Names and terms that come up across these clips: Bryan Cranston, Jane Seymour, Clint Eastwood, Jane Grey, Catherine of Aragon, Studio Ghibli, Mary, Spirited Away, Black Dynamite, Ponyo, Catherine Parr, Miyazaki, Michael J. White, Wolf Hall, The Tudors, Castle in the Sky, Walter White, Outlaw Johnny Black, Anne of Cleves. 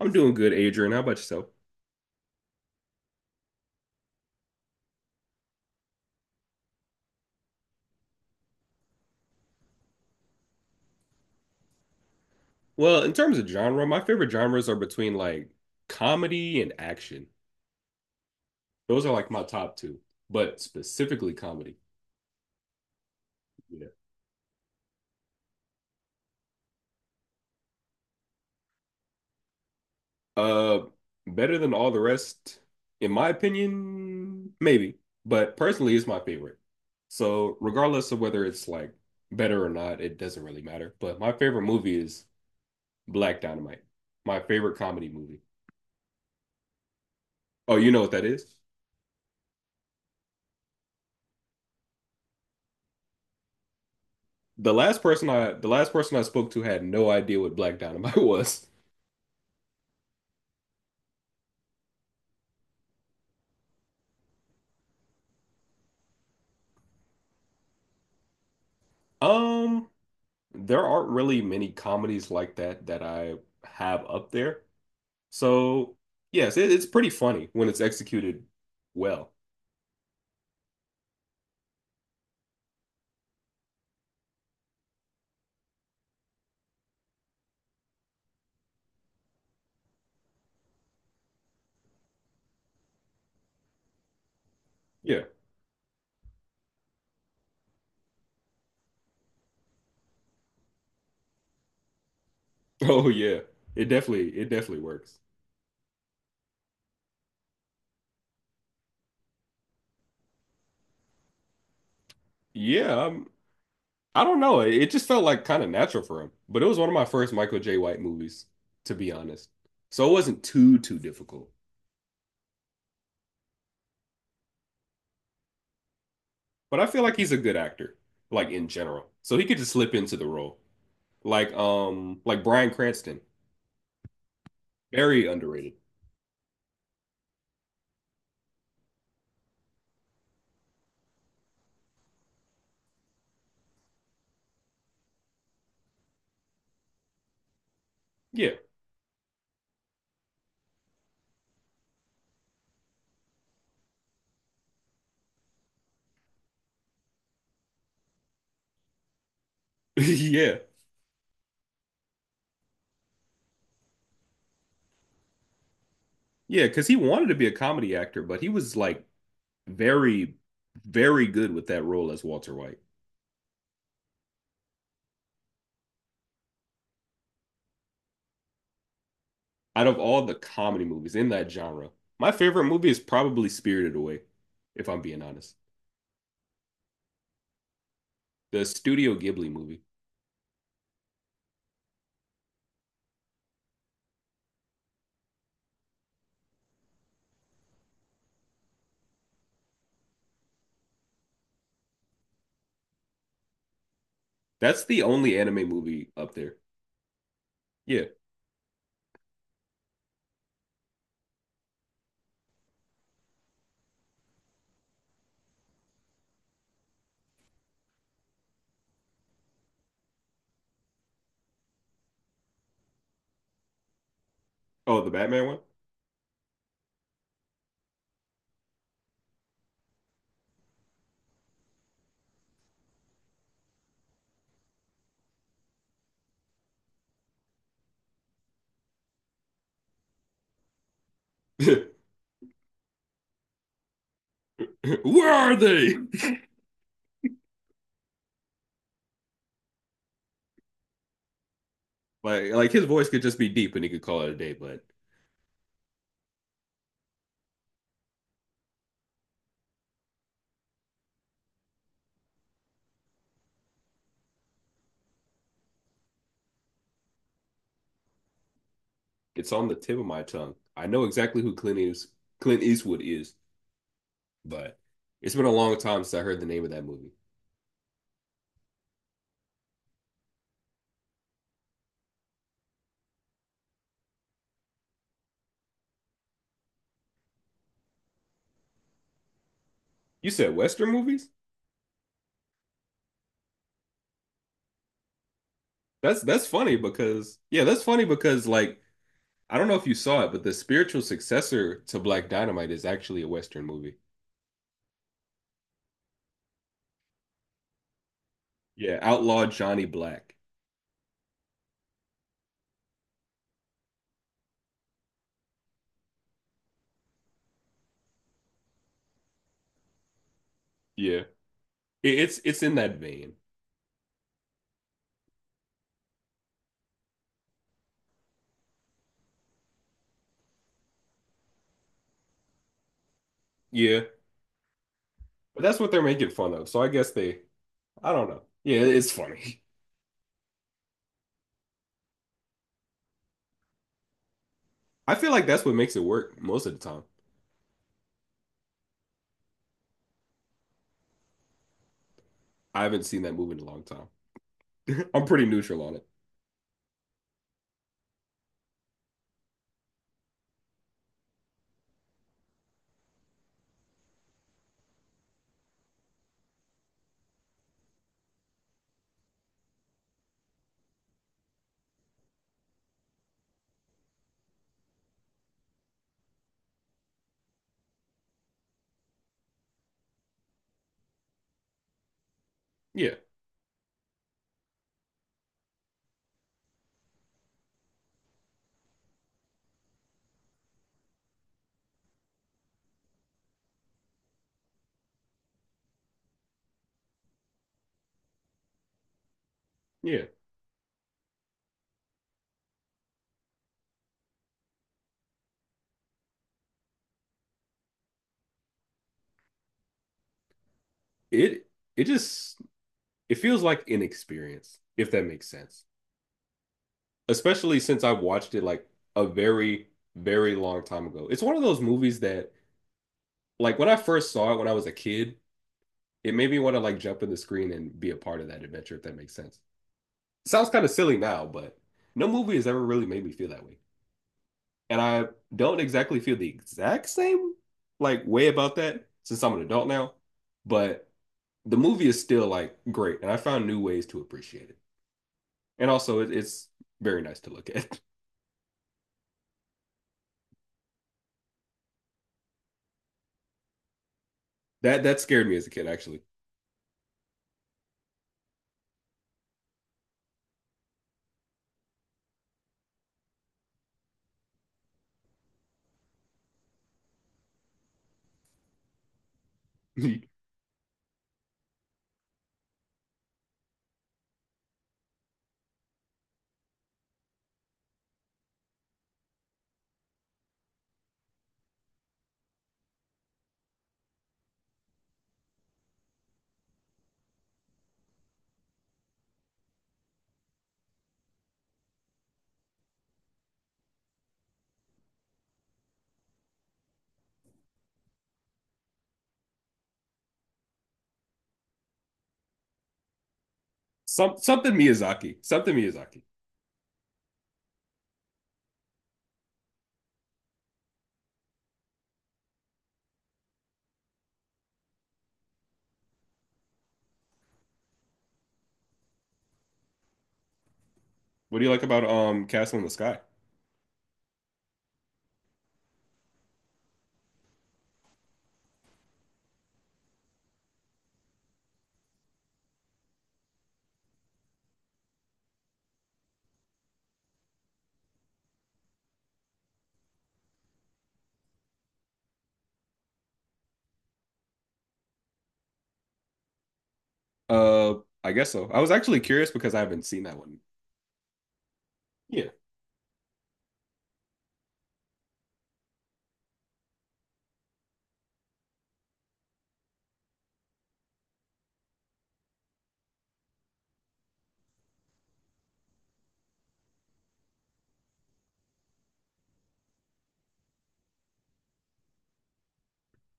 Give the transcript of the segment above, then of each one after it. I'm doing good, Adrian. How about yourself? Well, in terms of genre, my favorite genres are between like comedy and action. Those are like my top two, but specifically comedy. Yeah. Uh, Better than all the rest, in my opinion, maybe, but personally, it's my favorite. So, regardless of whether it's like better or not, it doesn't really matter. But my favorite movie is Black Dynamite, my favorite comedy movie. Oh, you know what that is? The last person I spoke to had no idea what Black Dynamite was. Um, there aren't really many comedies like that that I have up there. So, yes, it's pretty funny when it's executed well. Yeah. Oh yeah. It definitely works. Yeah, I don't know. It just felt like kind of natural for him. But it was one of my first Michael J. White movies, to be honest. So it wasn't too too difficult. But I feel like he's a good actor, like in general. So he could just slip into the role. Like like Bryan Cranston. Very underrated. Yeah. Yeah. Yeah, because he wanted to be a comedy actor, but he was like very, very good with that role as Walter White. Out of all the comedy movies in that genre, my favorite movie is probably Spirited Away, if I'm being honest. The Studio Ghibli movie. That's the only anime movie up there. Yeah. Oh, the Batman one? Where are they? Like his voice could just be deep and he could call it a day, but it's on the tip of my tongue. I know exactly who Clint is, Clint Eastwood is, but it's been a long time since I heard the name of that movie. You said Western movies? That's funny because yeah, that's funny because like I don't know if you saw it, but the spiritual successor to Black Dynamite is actually a Western movie. Yeah, Outlaw Johnny Black. Yeah. It's it's in that vein. Yeah. But that's what they're making fun of. So I guess they I don't know. Yeah, it's funny. I feel like that's what makes it work most of the time. I haven't seen that movie in a long time. I'm pretty neutral on it. Yeah, yeah. It it just it feels like inexperience, if that makes sense. Especially since I watched it like a very, very long time ago. It's one of those movies that like when I first saw it when I was a kid, it made me want to like jump in the screen and be a part of that adventure, if that makes sense. Sounds kind of silly now, but no movie has ever really made me feel that way. And I don't exactly feel the exact same like way about that since I'm an adult now, but the movie is still like great, and I found new ways to appreciate it. And also, it's very nice to look at. That that scared me as a kid, actually. Some something Miyazaki, something Miyazaki. What do you like about Castle in the Sky? Uh, I guess so. I was actually curious because I haven't seen that one. Yeah.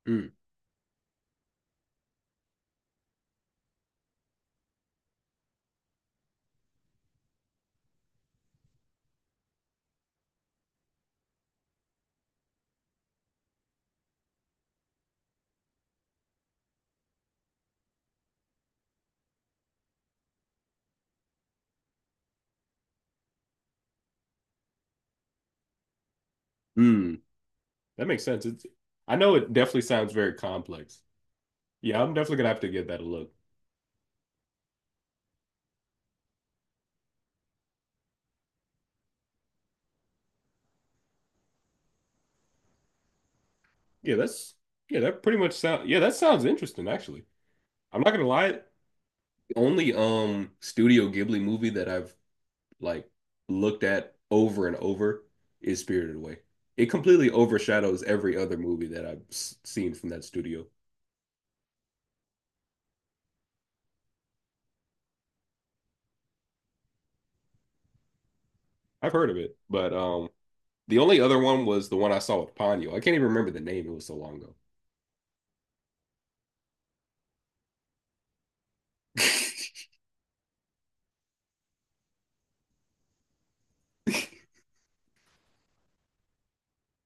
Mm. Mm. That makes sense. I know it definitely sounds very complex. Yeah, I'm definitely gonna have to give that a look. Yeah, that's yeah, that pretty much sound yeah, that sounds interesting actually. I'm not gonna lie, the only Studio Ghibli movie that I've like looked at over and over is Spirited Away. It completely overshadows every other movie that I've s- seen from that studio. I've heard of it, but the only other one was the one I saw with Ponyo. I can't even remember the name, it was so long ago.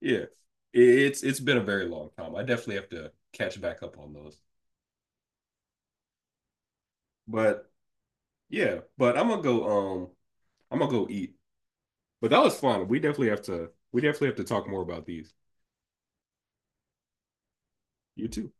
Yeah. It- it's been a very long time. I definitely have to catch back up on those. But yeah, but um I'm gonna go eat. But that was fun. We definitely have to talk more about these. You too.